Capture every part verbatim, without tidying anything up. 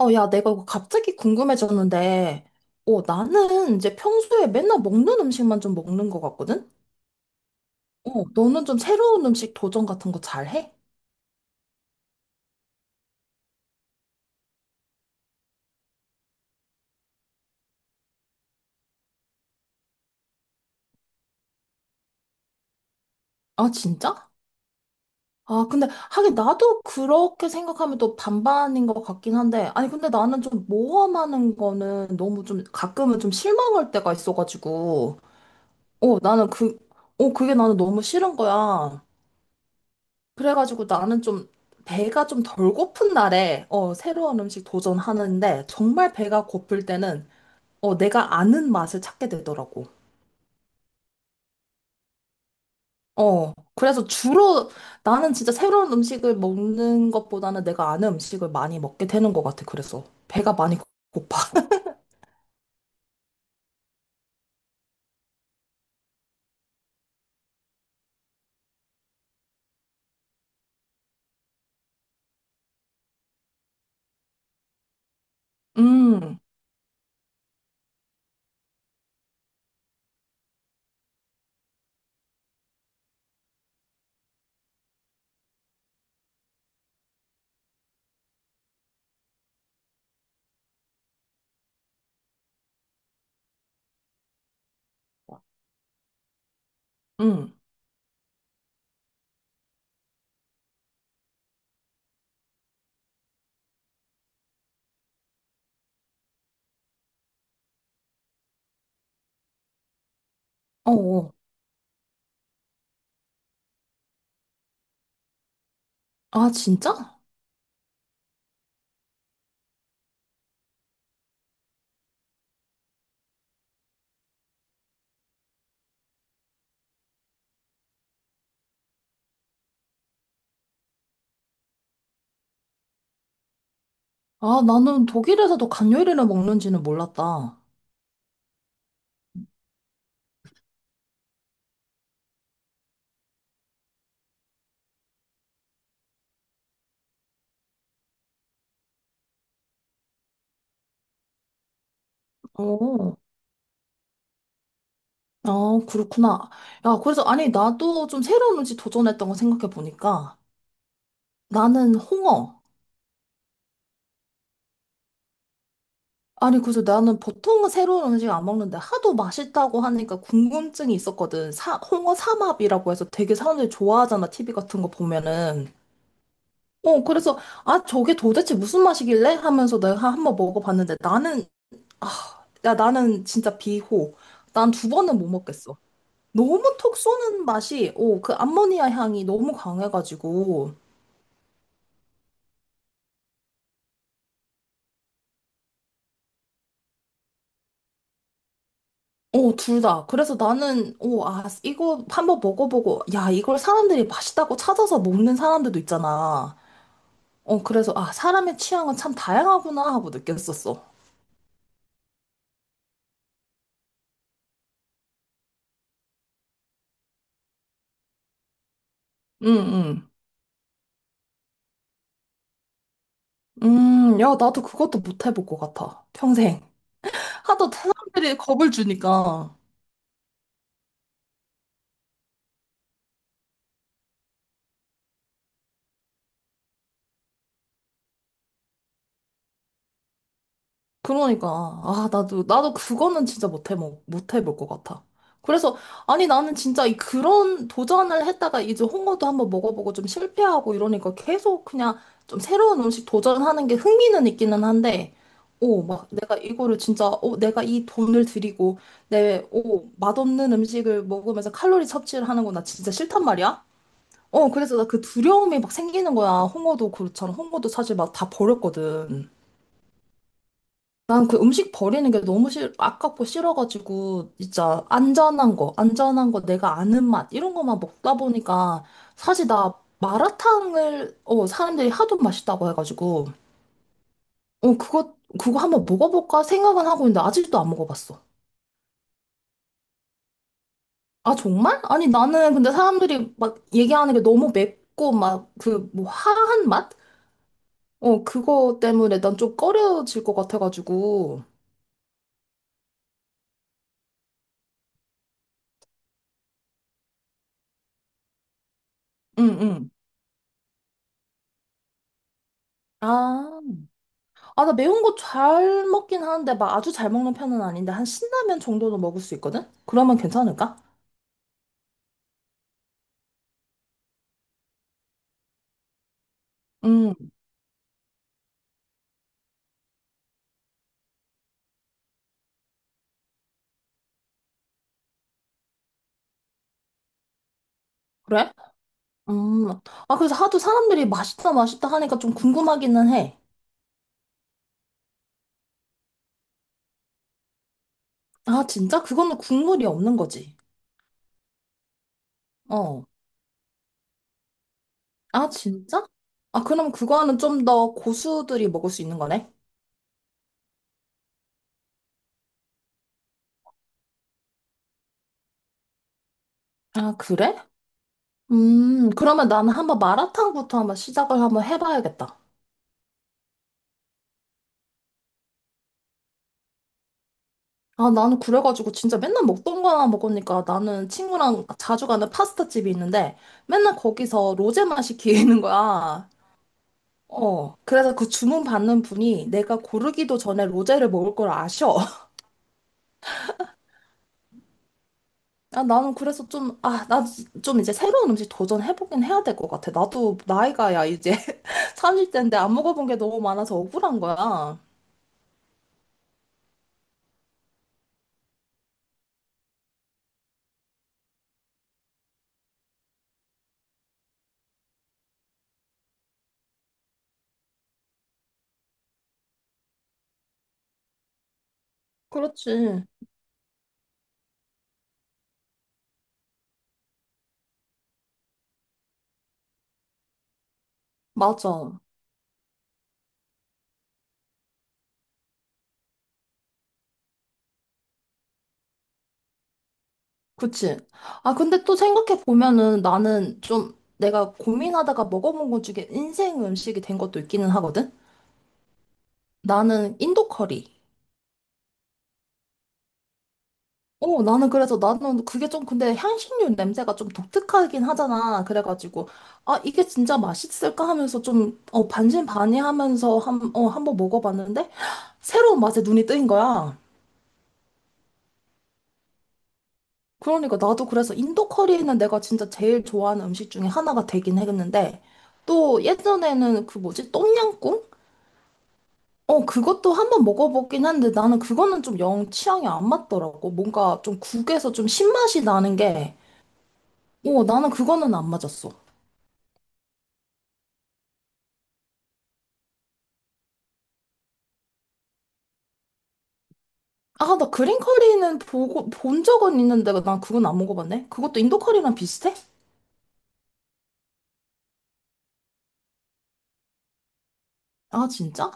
어, 야, 내가 이거 갑자기 궁금해졌는데, 어, 나는 이제 평소에 맨날 먹는 음식만 좀 먹는 것 같거든? 어, 너는 좀 새로운 음식 도전 같은 거 잘해? 아, 진짜? 아, 근데 하긴 나도 그렇게 생각하면 또 반반인 것 같긴 한데, 아니, 근데 나는 좀 모험하는 거는 너무 좀 가끔은 좀 실망할 때가 있어가지고, 어, 나는 그, 어, 그게 나는 너무 싫은 거야. 그래가지고 나는 좀 배가 좀 덜 고픈 날에 어, 새로운 음식 도전하는데 정말 배가 고플 때는 어, 내가 아는 맛을 찾게 되더라고. 어, 그래서 주로 나는 진짜 새로운 음식을 먹는 것보다는 내가 아는 음식을 많이 먹게 되는 것 같아. 그래서 배가 많이 고- 고파. 음, 음, 어, 어. 아, 진짜? 아, 나는 독일에서도 간요리를 먹는지는 몰랐다. 어. 아, 그렇구나. 야, 그래서, 아니, 나도 좀 새로운 음식 도전했던 거 생각해보니까, 나는 홍어. 아니, 그래서 나는 보통은 새로운 음식 안 먹는데, 하도 맛있다고 하니까 궁금증이 있었거든. 사, 홍어 삼합이라고 해서 되게 사람들이 좋아하잖아, 티비 같은 거 보면은. 어, 그래서, 아, 저게 도대체 무슨 맛이길래? 하면서 내가 한번 먹어봤는데, 나는, 아, 야, 나는 진짜 비호. 난 두 번은 못 먹겠어. 너무 톡 쏘는 맛이, 오, 그 암모니아 향이 너무 강해가지고. 어, 둘 다. 그래서 나는, 어, 아, 이거 한번 먹어보고, 야, 이걸 사람들이 맛있다고 찾아서 먹는 사람들도 있잖아. 어, 그래서, 아, 사람의 취향은 참 다양하구나 하고 느꼈었어. 응, 응. 음, 야, 나도 그것도 못 해볼 것 같아. 평생. 하도 사람들이 겁을 주니까. 그러니까 아 나도 나도 그거는 진짜 못해 뭐 못해 볼 것 같아. 그래서 아니 나는 진짜 이 그런 도전을 했다가 이제 홍어도 한번 먹어보고 좀 실패하고 이러니까 계속 그냥 좀 새로운 음식 도전하는 게 흥미는 있기는 한데 오 막 내가 이거를 진짜 오 내가 이 돈을 들이고 내오 맛없는 음식을 먹으면서 칼로리 섭취를 하는 거 나 진짜 싫단 말이야. 어 그래서 나 그 두려움이 막 생기는 거야. 홍어도 그렇잖아. 홍어도 사실 막 다 버렸거든. 난 그 음식 버리는 게 너무 싫, 아깝고 싫어가지고, 진짜 안전한 거, 안전한 거, 내가 아는 맛, 이런 거만 먹다 보니까, 사실 나 마라탕을, 어, 사람들이 하도 맛있다고 해가지고, 어, 그거, 그거 한번 먹어볼까 생각은 하고 있는데, 아직도 안 먹어봤어. 아, 정말? 아니, 나는 근데 사람들이 막 얘기하는 게 너무 맵고, 막, 그, 뭐, 화한 맛? 어, 그거 때문에 난 좀 꺼려질 것 같아가지고, 응, 응. 아. 아, 나 매운 거 잘 먹긴 하는데, 막 아주 잘 먹는 편은 아닌데, 한 신라면 정도는 먹을 수 있거든? 그러면 괜찮을까? 음, 그래? 음. 아, 그래서 하도 사람들이 맛있다, 맛있다 하니까 좀 궁금하기는 해. 아, 진짜? 그거는 국물이 없는 거지. 어. 아, 진짜? 아, 그럼 그거는 좀 더 고수들이 먹을 수 있는 거네? 아, 그래? 음, 그러면 나는 한번 마라탕부터 한번 시작을 한번 해봐야겠다. 아, 나는 그래가지고 진짜 맨날 먹던 거 하나 먹으니까 나는 친구랑 자주 가는 파스타집이 있는데 맨날 거기서 로제만 시키는 거야. 어. 그래서 그 주문 받는 분이 내가 고르기도 전에 로제를 먹을 걸 아셔. 아, 나는 그래서 좀, 아, 나 좀 이제 새로운 음식 도전해보긴 해야 될 것 같아. 나도 나이가 야, 이제 삼십 대인데 안 먹어본 게 너무 많아서 억울한 거야. 그렇지. 맞아. 그치. 아, 근데 또 생각해보면은 나는 좀 내가 고민하다가 먹어본 것 중에 인생 음식이 된 것도 있기는 하거든? 나는 인도 커리. 어, 나는 그래서 나는 그게 좀 근데 향신료 냄새가 좀 독특하긴 하잖아. 그래가지고, 아, 이게 진짜 맛있을까 하면서 좀, 어, 반신반의하면서 한, 어, 한번 먹어봤는데, 새로운 맛에 눈이 뜨인 거야. 그러니까 나도 그래서 인도 커리는 내가 진짜 제일 좋아하는 음식 중에 하나가 되긴 했는데 또 예전에는 그 뭐지 똠양꿍? 어 그것도 한번 먹어보긴 했는데 나는 그거는 좀 영 취향이 안 맞더라고 뭔가 좀 국에서 좀 신맛이 나는 게 어, 나는 그거는 안 맞았어 아 나 그린 커리는 보고 본 적은 있는데 난 그건 안 먹어봤네 그것도 인도 커리랑 비슷해? 아 진짜?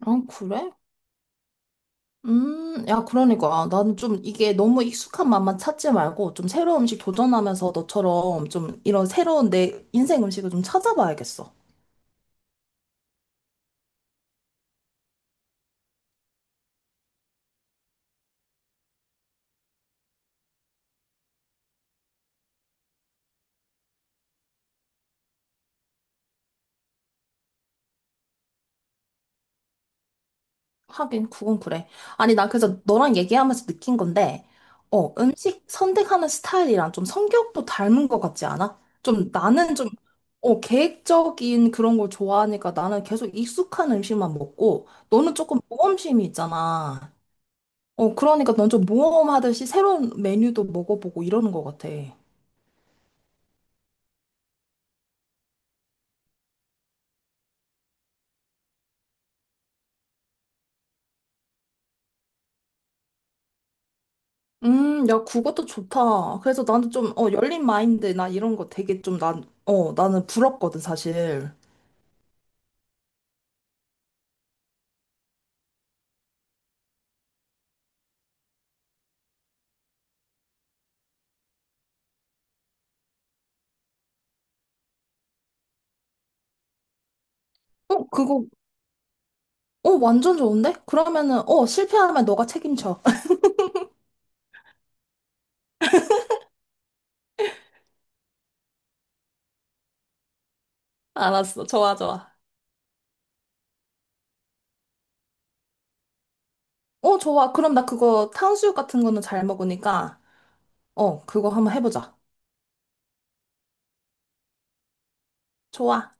아 그래? 음, 야, 그러니까. 아, 나는 좀 이게 너무 익숙한 맛만 찾지 말고 좀 새로운 음식 도전하면서 너처럼 좀 이런 새로운 내 인생 음식을 좀 찾아봐야겠어. 하긴, 그건 그래. 아니, 나 그래서 너랑 얘기하면서 느낀 건데, 어, 음식 선택하는 스타일이랑 좀 성격도 닮은 것 같지 않아? 좀 나는 좀, 어, 계획적인 그런 걸 좋아하니까 나는 계속 익숙한 음식만 먹고, 너는 조금 모험심이 있잖아. 어, 그러니까 넌 좀 모험하듯이 새로운 메뉴도 먹어보고 이러는 것 같아. 음, 야, 그것도 좋다. 그래서 나는 좀, 어, 열린 마인드, 나 이런 거 되게 좀, 난, 어, 나는 부럽거든, 사실. 어, 그거, 어, 완전 좋은데? 그러면은, 어, 실패하면 너가 책임져. 알았어. 좋아, 좋아. 어, 좋아. 그럼 나 그거 탕수육 같은 거는 잘 먹으니까, 어, 그거 한번 해보자. 좋아.